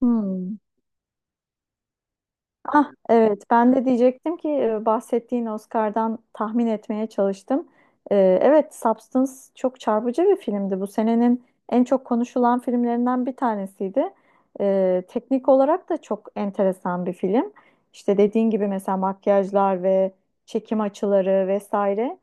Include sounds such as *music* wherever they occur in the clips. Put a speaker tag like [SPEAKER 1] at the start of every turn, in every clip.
[SPEAKER 1] Hmm. Ah evet, ben de diyecektim ki bahsettiğin Oscar'dan tahmin etmeye çalıştım. Evet, Substance çok çarpıcı bir filmdi. Bu senenin en çok konuşulan filmlerinden bir tanesiydi. Teknik olarak da çok enteresan bir film. İşte dediğin gibi mesela makyajlar ve çekim açıları vesaire.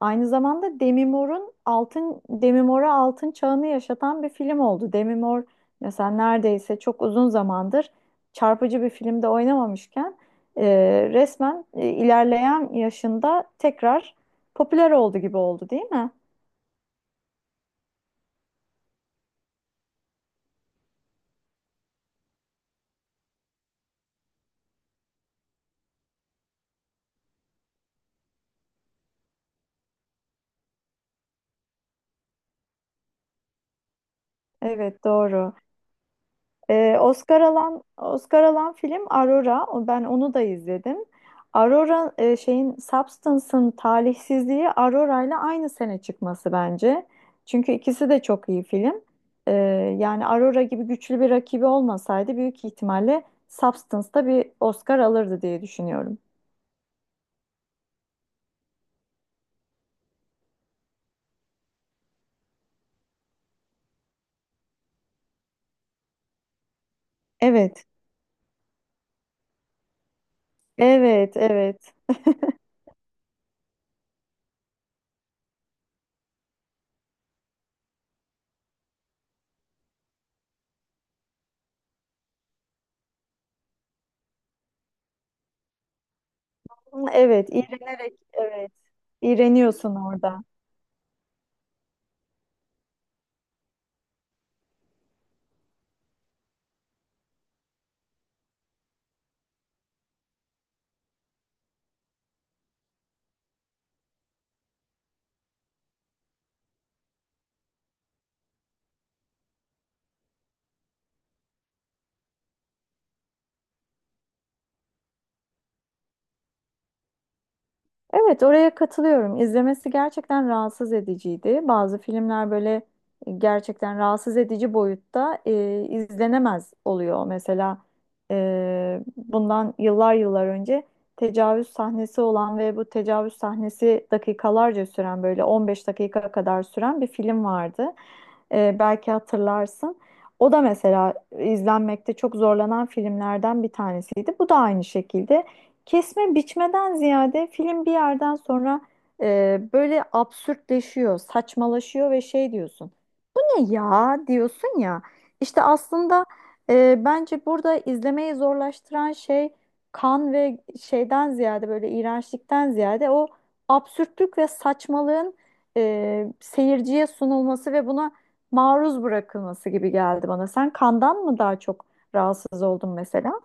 [SPEAKER 1] Aynı zamanda Demi Moore'a altın çağını yaşatan bir film oldu. Demi Moore mesela neredeyse çok uzun zamandır çarpıcı bir filmde oynamamışken e, resmen ilerleyen yaşında tekrar popüler oldu gibi oldu, değil mi? Evet, doğru. Oscar alan film Aurora. Ben onu da izledim. Aurora, e, şeyin Substance'ın talihsizliği Aurora ile aynı sene çıkması bence. Çünkü ikisi de çok iyi film. E, yani Aurora gibi güçlü bir rakibi olmasaydı büyük ihtimalle Substance da bir Oscar alırdı diye düşünüyorum. Evet, evet, evet. Hı, evet, iğrenerek, evet. İğreniyorsun orada. Evet, oraya katılıyorum. İzlemesi gerçekten rahatsız ediciydi. Bazı filmler böyle gerçekten rahatsız edici boyutta izlenemez oluyor. Mesela bundan yıllar yıllar önce tecavüz sahnesi olan ve bu tecavüz sahnesi dakikalarca süren, böyle 15 dakika kadar süren bir film vardı. E, belki hatırlarsın. O da mesela izlenmekte çok zorlanan filmlerden bir tanesiydi. Bu da aynı şekilde. Kesme biçmeden ziyade film bir yerden sonra böyle absürtleşiyor, saçmalaşıyor ve şey diyorsun. Ne ya diyorsun ya. İşte aslında bence burada izlemeyi zorlaştıran şey kan ve şeyden ziyade, böyle iğrençlikten ziyade o absürtlük ve saçmalığın seyirciye sunulması ve buna maruz bırakılması gibi geldi bana. Sen kandan mı daha çok rahatsız oldun mesela?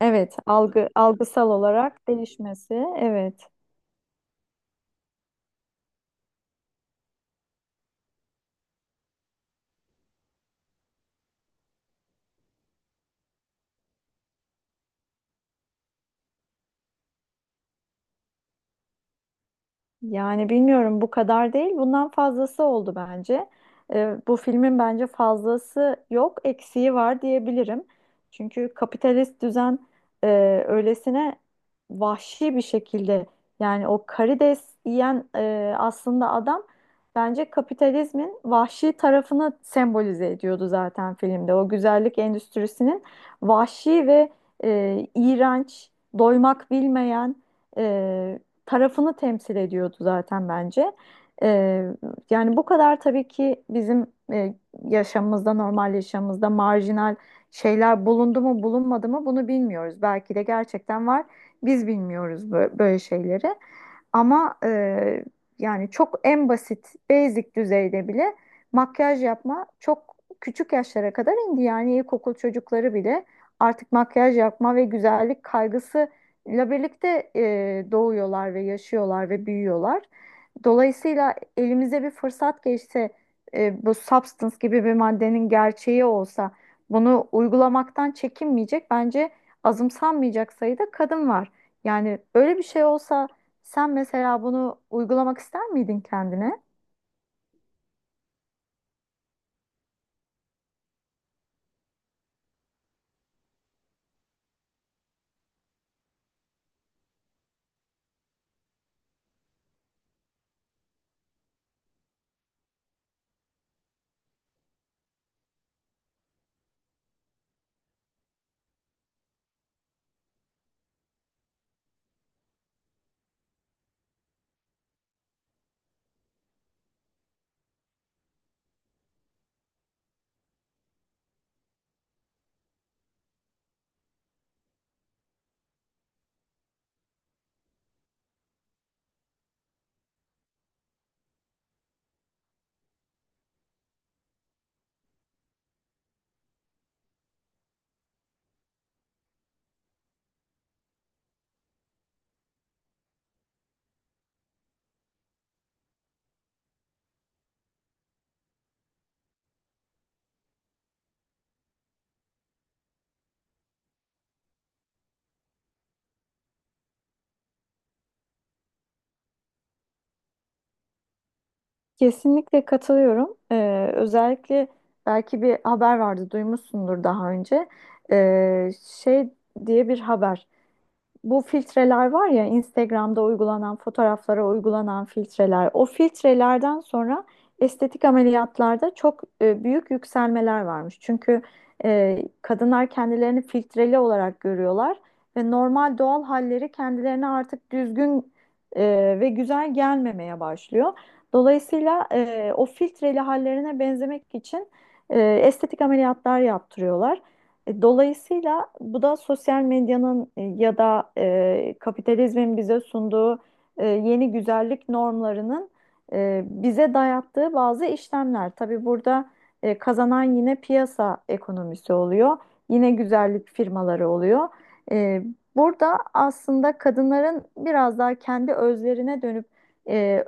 [SPEAKER 1] Evet, algısal olarak değişmesi. Evet. Yani bilmiyorum, bu kadar değil. Bundan fazlası oldu bence. Bu filmin bence fazlası yok, eksiği var diyebilirim. Çünkü kapitalist düzen öylesine vahşi bir şekilde, yani o karides yiyen aslında adam bence kapitalizmin vahşi tarafını sembolize ediyordu zaten filmde. O güzellik endüstrisinin vahşi ve iğrenç, doymak bilmeyen tarafını temsil ediyordu zaten bence. Ee, yani bu kadar tabii ki bizim e, yaşamımızda, normal yaşamımızda marjinal şeyler bulundu mu bulunmadı mı, bunu bilmiyoruz. Belki de gerçekten var. Biz bilmiyoruz böyle şeyleri. Ama yani çok en basit, basic düzeyde bile makyaj yapma çok küçük yaşlara kadar indi. Yani ilkokul çocukları bile artık makyaj yapma ve güzellik kaygısı ile birlikte doğuyorlar ve yaşıyorlar ve büyüyorlar. Dolayısıyla elimize bir fırsat geçse, bu substance gibi bir maddenin gerçeği olsa, bunu uygulamaktan çekinmeyecek bence azımsanmayacak sayıda kadın var. Yani böyle bir şey olsa sen mesela bunu uygulamak ister miydin kendine? Kesinlikle katılıyorum. Özellikle belki bir haber vardı, duymuşsundur daha önce. Ee, şey diye bir haber Bu filtreler var ya, Instagram'da uygulanan, fotoğraflara uygulanan filtreler. O filtrelerden sonra estetik ameliyatlarda çok büyük yükselmeler varmış. Çünkü kadınlar kendilerini filtreli olarak görüyorlar ve normal doğal halleri kendilerine artık düzgün ve güzel gelmemeye başlıyor. Dolayısıyla o filtreli hallerine benzemek için estetik ameliyatlar yaptırıyorlar. E, dolayısıyla bu da sosyal medyanın ya da kapitalizmin bize sunduğu yeni güzellik normlarının bize dayattığı bazı işlemler. Tabii burada kazanan yine piyasa ekonomisi oluyor, yine güzellik firmaları oluyor. E, burada aslında kadınların biraz daha kendi özlerine dönüp e,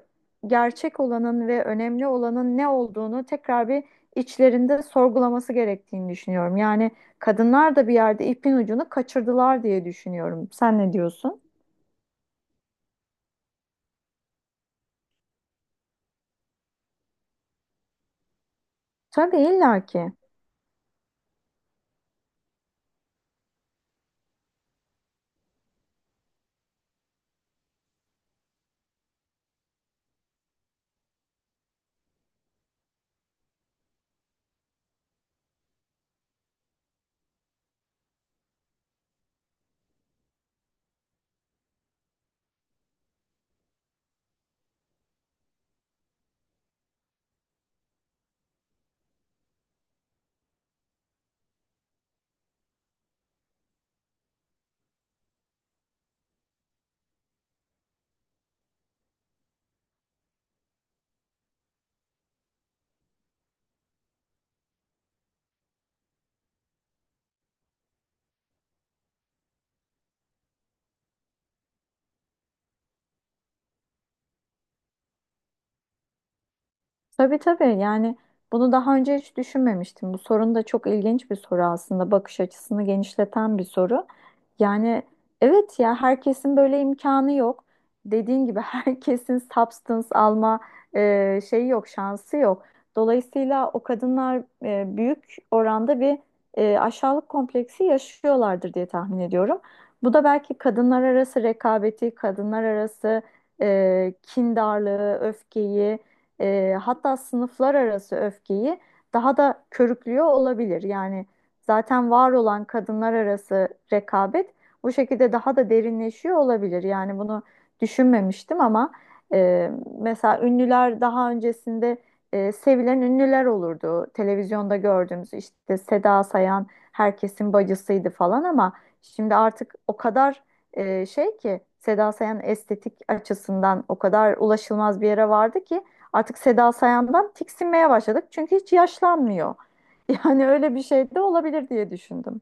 [SPEAKER 1] gerçek olanın ve önemli olanın ne olduğunu tekrar bir içlerinde sorgulaması gerektiğini düşünüyorum. Yani kadınlar da bir yerde ipin ucunu kaçırdılar diye düşünüyorum. Sen ne diyorsun? Tabii, illaki. Tabii, tabii, yani bunu daha önce hiç düşünmemiştim. Bu sorun da çok ilginç bir soru aslında. Bakış açısını genişleten bir soru. Yani evet ya, herkesin böyle imkanı yok. Dediğin gibi *laughs* herkesin substance alma şeyi yok, şansı yok. Dolayısıyla o kadınlar büyük oranda bir aşağılık kompleksi yaşıyorlardır diye tahmin ediyorum. Bu da belki kadınlar arası rekabeti, kadınlar arası kindarlığı, öfkeyi, hatta sınıflar arası öfkeyi daha da körüklüyor olabilir. Yani zaten var olan kadınlar arası rekabet bu şekilde daha da derinleşiyor olabilir. Yani bunu düşünmemiştim ama e, mesela ünlüler daha öncesinde sevilen ünlüler olurdu. Televizyonda gördüğümüz, işte Seda Sayan herkesin bacısıydı falan, ama şimdi artık o kadar şey ki, Seda Sayan estetik açısından o kadar ulaşılmaz bir yere vardı ki artık Seda Sayan'dan tiksinmeye başladık. Çünkü hiç yaşlanmıyor. *laughs* Yani öyle bir şey de olabilir diye düşündüm.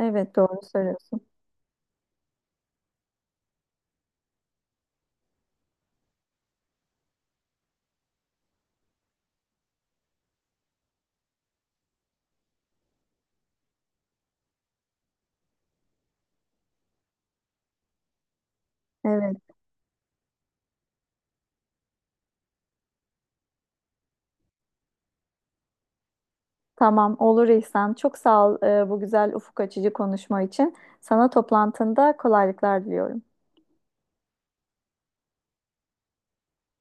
[SPEAKER 1] Evet, doğru söylüyorsun. Evet, tamam, olur İhsan. Çok sağ ol bu güzel, ufuk açıcı konuşma için. Sana toplantında kolaylıklar diliyorum.